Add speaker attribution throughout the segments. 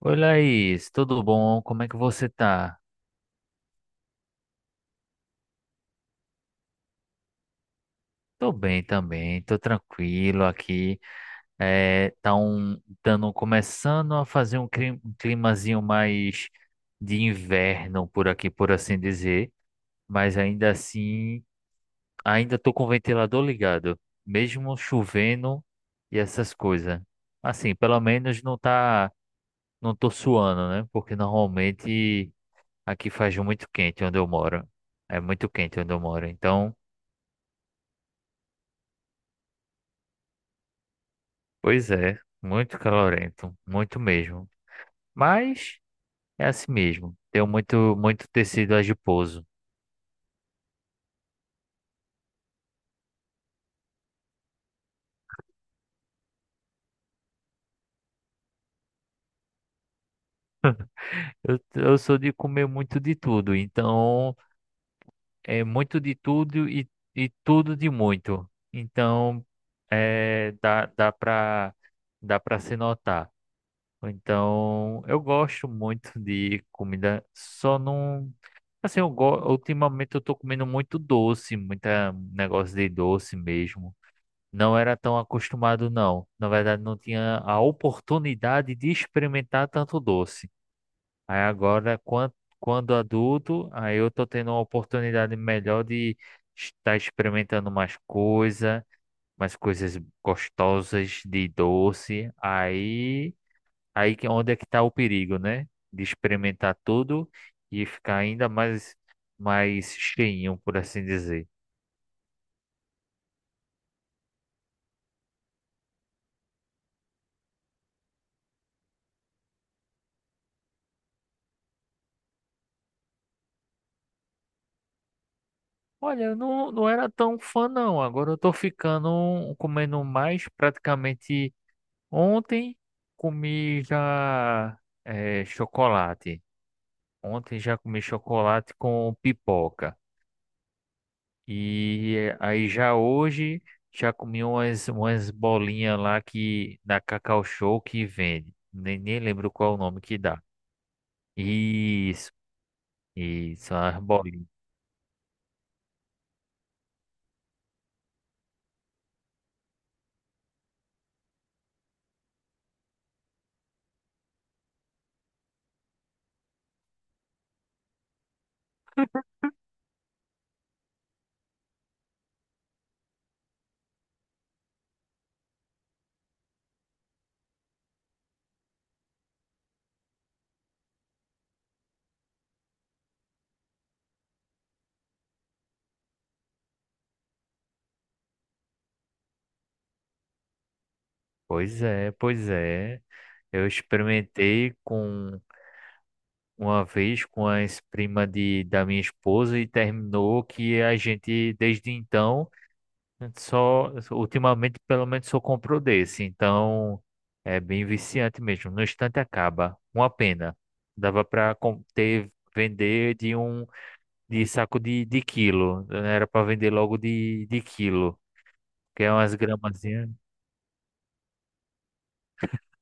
Speaker 1: Oi, Laís, tudo bom? Como é que você tá? Tô bem também, tô tranquilo aqui. Começando a fazer um climazinho mais de inverno por aqui, por assim dizer, mas ainda assim, ainda tô com o ventilador ligado, mesmo chovendo e essas coisas. Assim, pelo menos não tô suando, né? Porque normalmente aqui faz muito quente onde eu moro. É muito quente onde eu moro, então. Pois é, muito calorento, muito mesmo. Mas é assim mesmo. Tenho muito, muito tecido adiposo. Eu sou de comer muito de tudo, então é muito de tudo e tudo de muito. Então dá para dá para se notar. Então eu gosto muito de comida, só não. Assim, ultimamente eu tô comendo muito doce, muita um negócio de doce mesmo. Não era tão acostumado, não. Na verdade, não tinha a oportunidade de experimentar tanto doce. Aí agora, quando adulto, aí eu tô tendo uma oportunidade melhor de estar experimentando mais coisas gostosas de doce. Aí que é onde é que tá o perigo, né? De experimentar tudo e ficar ainda mais mais cheinho, por assim dizer. Olha, eu não, não era tão fã não. Agora eu tô ficando comendo mais. Praticamente ontem comi já chocolate. Ontem já comi chocolate com pipoca. E aí já hoje já comi umas bolinhas lá que na Cacau Show que vende. Nem lembro qual o nome que dá. Isso, isso, as bolinhas. Pois é, pois é. Eu experimentei com uma vez com a ex-prima da minha esposa e terminou que a gente, desde então, só ultimamente pelo menos só comprou desse. Então é bem viciante mesmo. No instante acaba. Uma pena. Dava para ter vender de um de saco de quilo. Era para vender logo de quilo. Que é umas gramazinhas.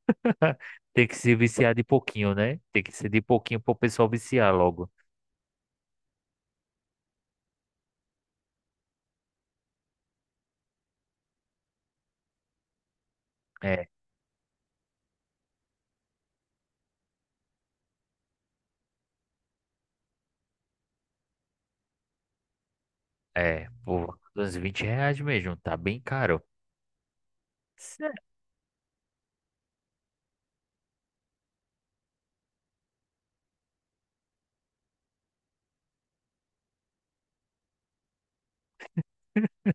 Speaker 1: Tem que se viciar de pouquinho, né? Tem que ser de pouquinho para o pessoal viciar logo. É. É, por uns 20 reais mesmo, tá bem caro.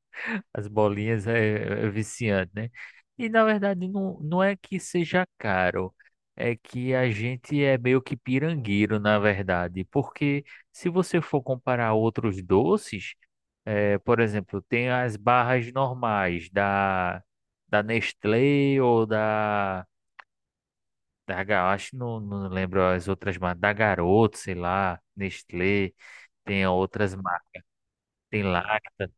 Speaker 1: As bolinhas é, é viciante, né? E na verdade não é que seja caro, é que a gente é meio que pirangueiro, na verdade, porque se você for comparar outros doces, é, por exemplo, tem as barras normais da Nestlé ou acho que não, não lembro as outras, mas da Garoto, sei lá, Nestlé, tem outras tem lacta,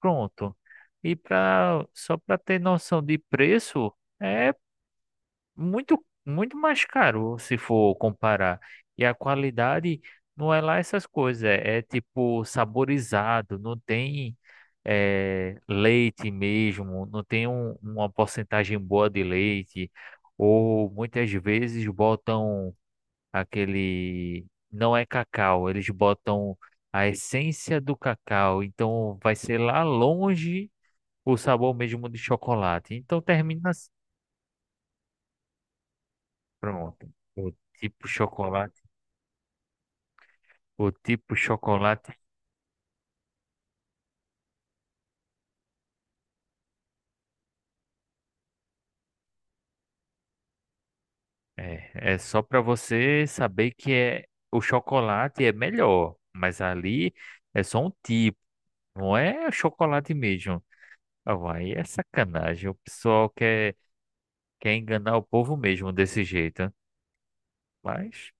Speaker 1: pronto. E para só para ter noção de preço, é muito mais caro se for comparar. E a qualidade não é lá essas coisas, é tipo saborizado, não tem leite mesmo, não tem uma porcentagem boa de leite, ou muitas vezes botam aquele. Não é cacau, eles botam a essência do cacau, então vai ser lá longe o sabor mesmo de chocolate. Então termina assim. Pronto. O tipo chocolate. O tipo chocolate é, é só para você saber que é o chocolate é melhor, mas ali é só um tipo, não é chocolate mesmo. Ah, vai, é sacanagem. O pessoal quer enganar o povo mesmo desse jeito, né? Mas.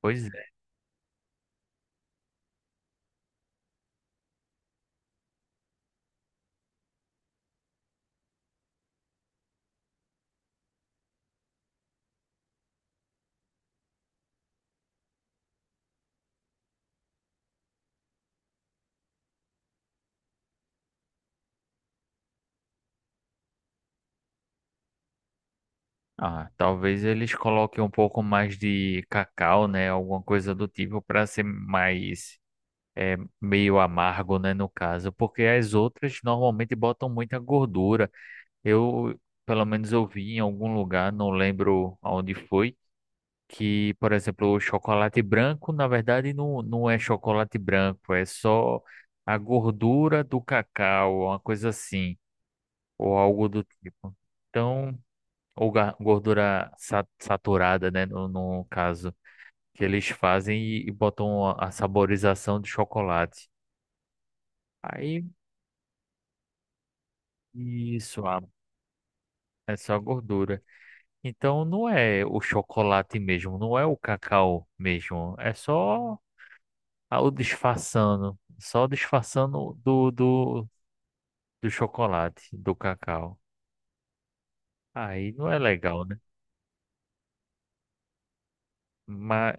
Speaker 1: Pois. Ah, talvez eles coloquem um pouco mais de cacau, né? Alguma coisa do tipo para ser mais é, meio amargo, né? No caso, porque as outras normalmente botam muita gordura. Eu, pelo menos, eu vi em algum lugar, não lembro aonde foi, que, por exemplo, o chocolate branco, na verdade, não é chocolate branco, é só a gordura do cacau, uma coisa assim, ou algo do tipo. Então, gordura saturada, né? No caso, que eles fazem e botam a saborização de chocolate. Aí, isso, ah, é só gordura. Então, não é o chocolate mesmo, não é o cacau mesmo. É só a- o disfarçando, só disfarçando do chocolate, do cacau. Aí não é legal, né? Mas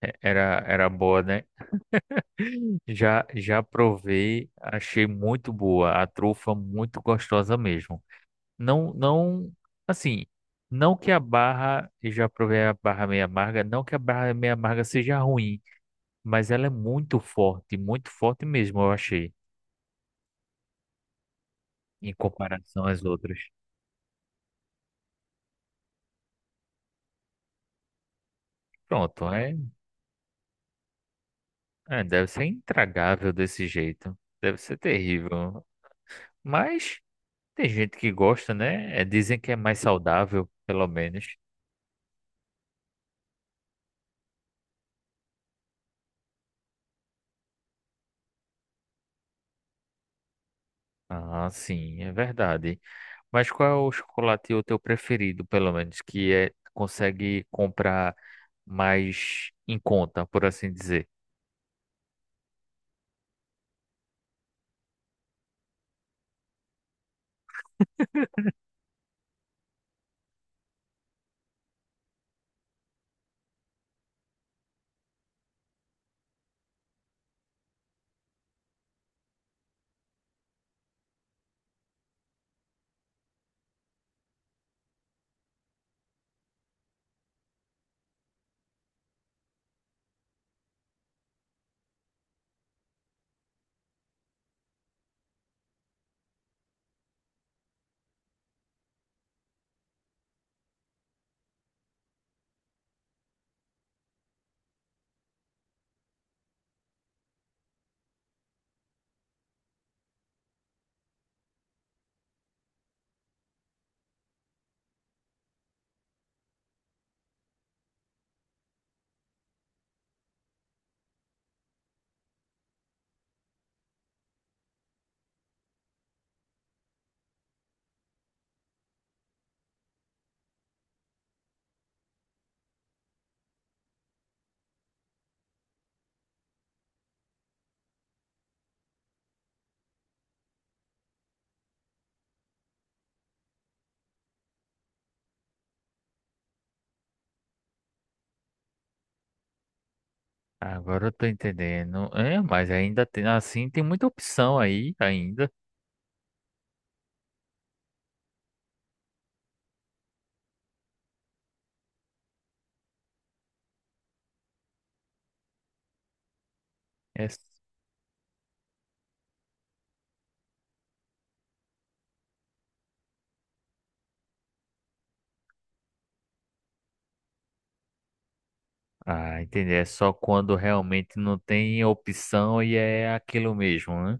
Speaker 1: era, era boa, né? Já provei, achei muito boa, a trufa muito gostosa mesmo. Não, não, assim, não que a barra, eu já provei a barra meio amarga, não que a barra meio amarga seja ruim, mas ela é muito forte mesmo, eu achei, em comparação às outras. Pronto, é, deve ser intragável desse jeito, deve ser terrível. Mas tem gente que gosta, né? É, dizem que é mais saudável, pelo menos. Ah, sim, é verdade. Mas qual é o chocolate o teu preferido, pelo menos, que é consegue comprar mais em conta, por assim dizer? Agora eu tô entendendo. É, mas ainda tem assim, tem muita opção aí ainda. É, s- ah, entendi. É só quando realmente não tem opção e é aquilo mesmo, né?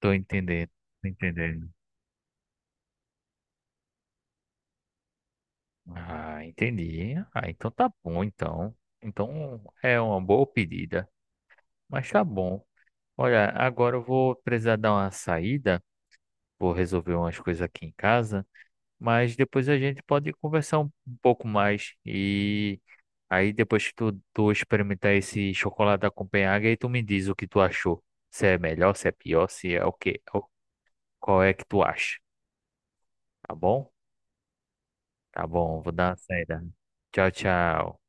Speaker 1: Tô entendendo. Tô entendendo. Ah, entendi. Ah, então tá bom, então. Então é uma boa pedida. Mas tá bom. Olha, agora eu vou precisar dar uma saída, vou resolver umas coisas aqui em casa, mas depois a gente pode conversar um pouco mais e aí depois que tu experimentar esse chocolate da Copenhague, aí tu me diz o que tu achou. Se é melhor, se é pior, se é o quê, qual é que tu acha, tá bom? Tá bom, vou dar uma saída. Tchau, tchau.